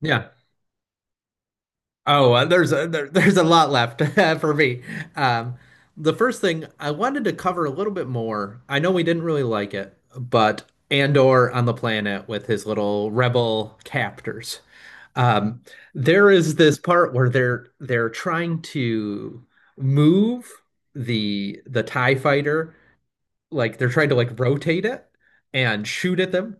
Yeah. Oh, there's a there, there's a lot left for me. Um, the first thing I wanted to cover a little bit more. I know we didn't really like it, but Andor on the planet with his little rebel captors. Um, there is this part where they're trying to move the TIE fighter, like they're trying to like rotate it and shoot at them.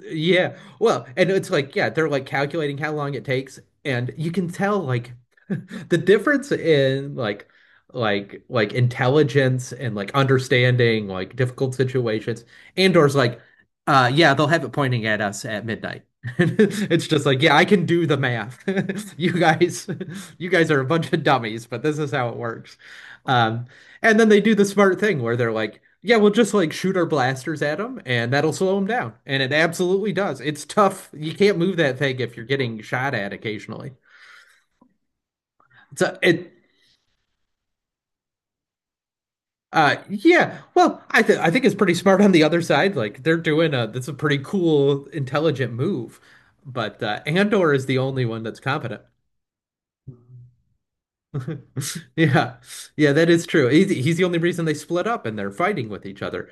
Yeah. Well, and it's like, yeah, they're like calculating how long it takes, and you can tell like the difference in like like intelligence and like understanding like difficult situations. Andor's like, yeah, they'll have it pointing at us at midnight. It's just like, yeah, I can do the math. You guys you guys are a bunch of dummies, but this is how it works. Um and then they do the smart thing where they're like, yeah, we'll just like shoot our blasters at them and that'll slow them down. And it absolutely does. It's tough. You can't move that thing if you're getting shot at occasionally. So it yeah, well, I think it's pretty smart on the other side. Like they're doing a that's a pretty cool intelligent move. But Andor is the only one that's competent. Yeah. Yeah, that is true. He's the only reason they split up and they're fighting with each other.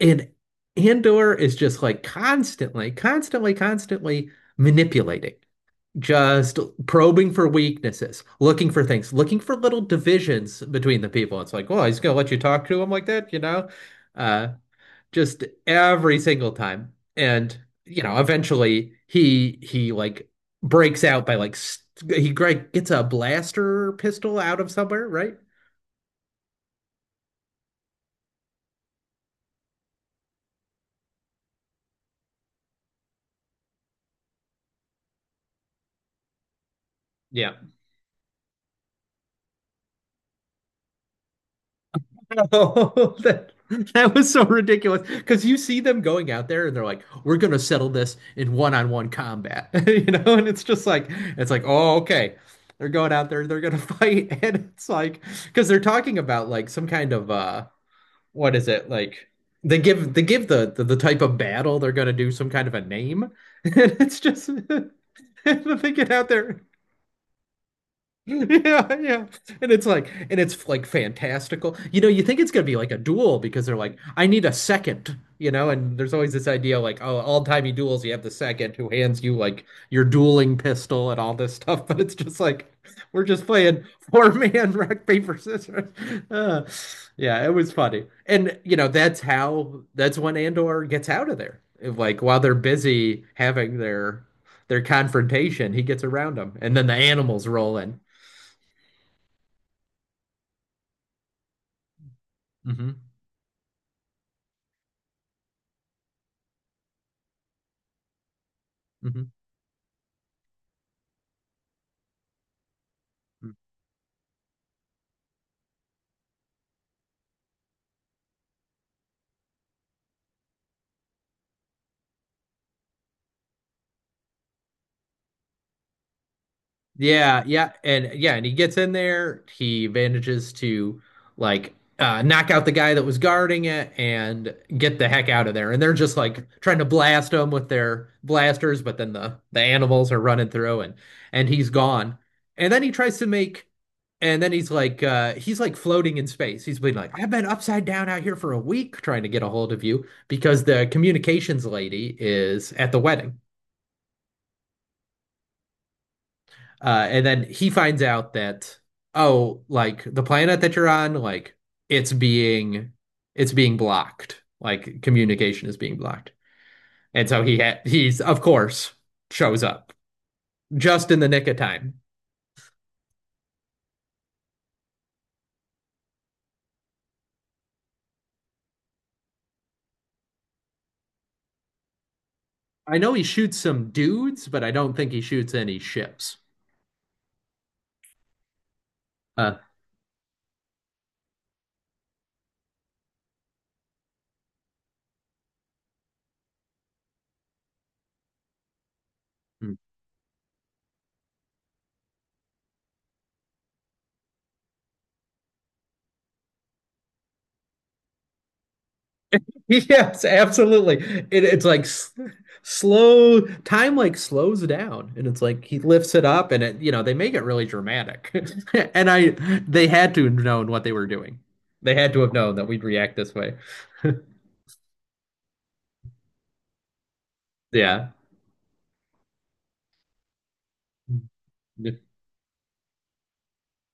And Andor is just like constantly manipulating, just probing for weaknesses, looking for things, looking for little divisions between the people. It's like, well, he's gonna let you talk to him like that, you know? Uh, just every single time. And, you know, eventually he like breaks out by like st he like gets a blaster pistol out of somewhere, right? Yeah. Oh, that was so ridiculous. Because you see them going out there and they're like, we're going to settle this in one-on-one combat. You know, and it's just like, it's like, oh, okay. They're going out there, they're going to fight. And it's like, because they're talking about like some kind of, what is it? Like, they give the type of battle they're going to do some kind of a name. And it's just, they get out there. Yeah, yeah. And it's like fantastical. You know, you think it's gonna be like a duel because they're like, I need a second, you know, and there's always this idea like, oh, all timey duels, you have the second who hands you like your dueling pistol and all this stuff, but it's just like we're just playing four man rock, paper, scissors. Uh, yeah, it was funny. And you know, that's when Andor gets out of there. Like while they're busy having their confrontation, he gets around them, and then the animals roll in. hmm hmm Yeah, yeah, and he gets in there. He manages to like knock out the guy that was guarding it and get the heck out of there. And they're just like trying to blast him with their blasters, but then the animals are running through, and he's gone. And then he tries to make, and then he's like floating in space. He's been like, I've been upside down out here for a week trying to get a hold of you because the communications lady is at the wedding. And then he finds out that, oh, like the planet that you're on, like it's being it's being blocked. Like communication is being blocked. And so he's of course shows up just in the nick of time. I know he shoots some dudes, but I don't think he shoots any ships. Uh, Yes, absolutely. It's like slow time like slows down and it's like he lifts it up and it, you know, they make it really dramatic. And I they had to have known what they were doing. They had to have known that we'd react this way. Yeah.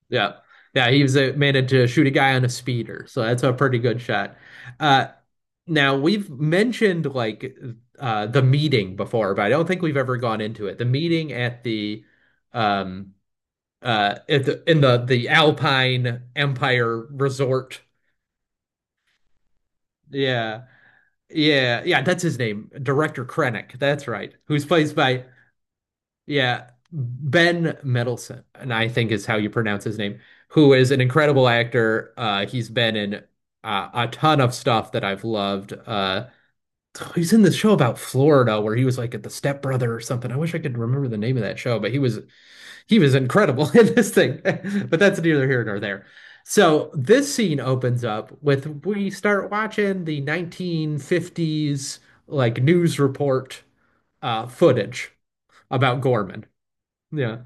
Yeah. Yeah, he was managed to shoot a guy on a speeder. So that's a pretty good shot. Uh now we've mentioned like the meeting before, but I don't think we've ever gone into it. The meeting at the um at the Alpine Empire Resort. Yeah. Yeah, yeah, that's his name, Director Krennic. That's right. Who's plays by yeah, Ben Mendelsohn, and I think is how you pronounce his name, who is an incredible actor. He's been in a ton of stuff that I've loved. He's in this show about Florida where he was like at the Step Brother or something. I wish I could remember the name of that show, but he was incredible in this thing, but that's neither here nor there. So this scene opens up with we start watching the 1950s like news report footage about Gorman. Yeah,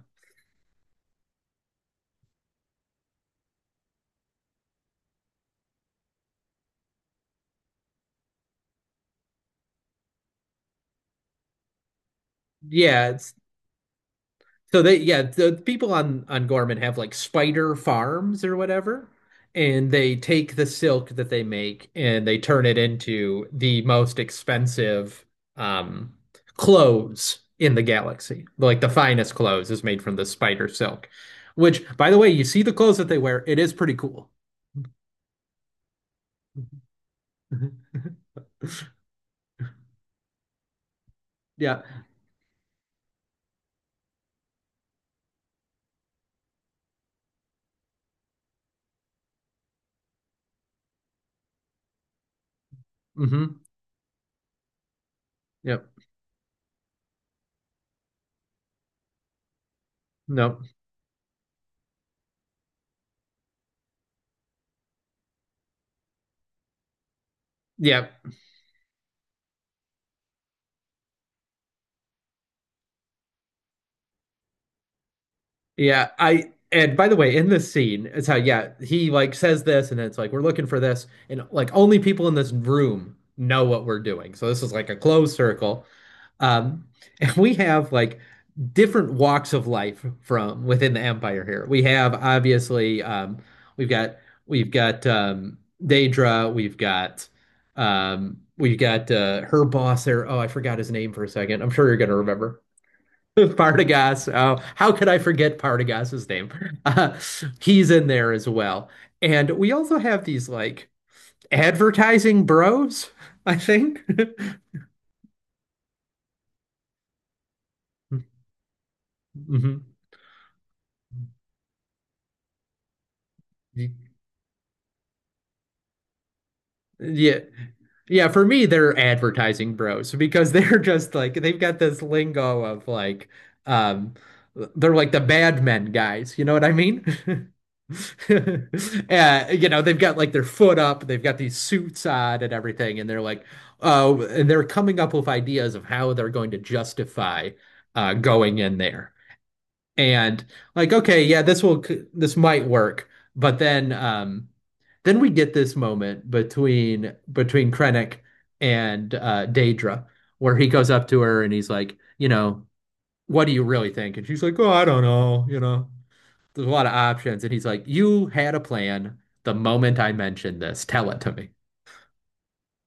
yeah, it's so yeah, the people on Gorman have like spider farms or whatever, and they take the silk that they make and they turn it into the most expensive um clothes in the galaxy. Like the finest clothes is made from the spider silk, which, by the way, you see the clothes that they wear. It is pretty cool. Mhm. Yeah. Hmm. Yep. No. Yeah. Yeah, I, and by the way, in this scene, it's how yeah, he like says this and then it's like we're looking for this and like only people in this room know what we're doing. So this is like a closed circle. Um and we have like different walks of life from within the empire here. We have obviously we've got we've got Daedra, we've got her boss there. Oh, I forgot his name for a second. I'm sure you're gonna remember. Partagas. Oh, how could I forget Partagas's name? Uh, he's in there as well. And we also have these like advertising bros, I think. Mhm. Yeah. Yeah, for me, they're advertising bros because they're just like they've got this lingo of like um they're like the bad men guys, you know what I mean? You know, they've got like their foot up, they've got these suits on and everything, and they're like, oh, and they're coming up with ideas of how they're going to justify going in there and like okay, yeah, this might work, but then we get this moment between Krennic and Daedra, where he goes up to her and he's like, you know, what do you really think? And she's like, oh, I don't know, you know, there's a lot of options. And he's like, you had a plan the moment I mentioned this, tell it to me.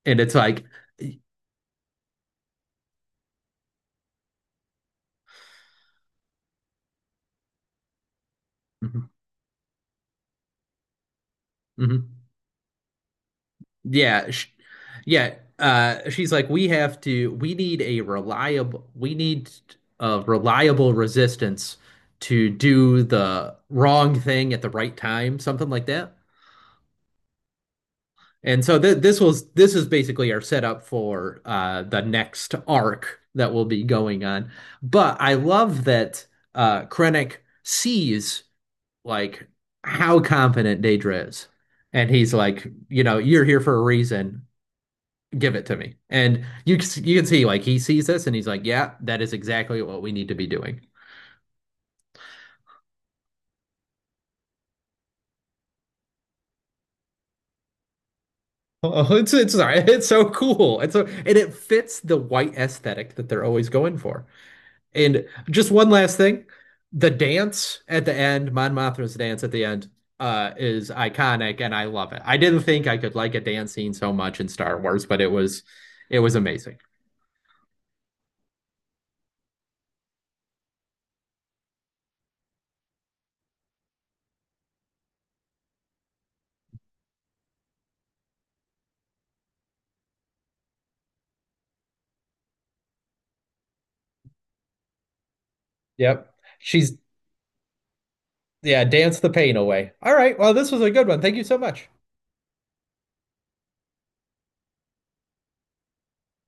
And it's like mhm, mhm. Yeah, sh yeah. She's like, we have to. We need a reliable resistance to do the wrong thing at the right time, something like that. And so th this was this is basically our setup for the next arc that will be going on. But I love that Krennic sees like how competent Daedra is, and he's like, you know, you're here for a reason. Give it to me. And you can see like he sees this and he's like, yeah, that is exactly what we need to be doing. Oh, it's it's so cool. It's so, and it fits the white aesthetic that they're always going for. And just one last thing, the dance at the end, Mon Mothma's dance at the end, is iconic, and I love it. I didn't think I could like a dance scene so much in Star Wars, but it was amazing. Yep. She's yeah, dance the pain away. All right. Well, this was a good one. Thank you so much.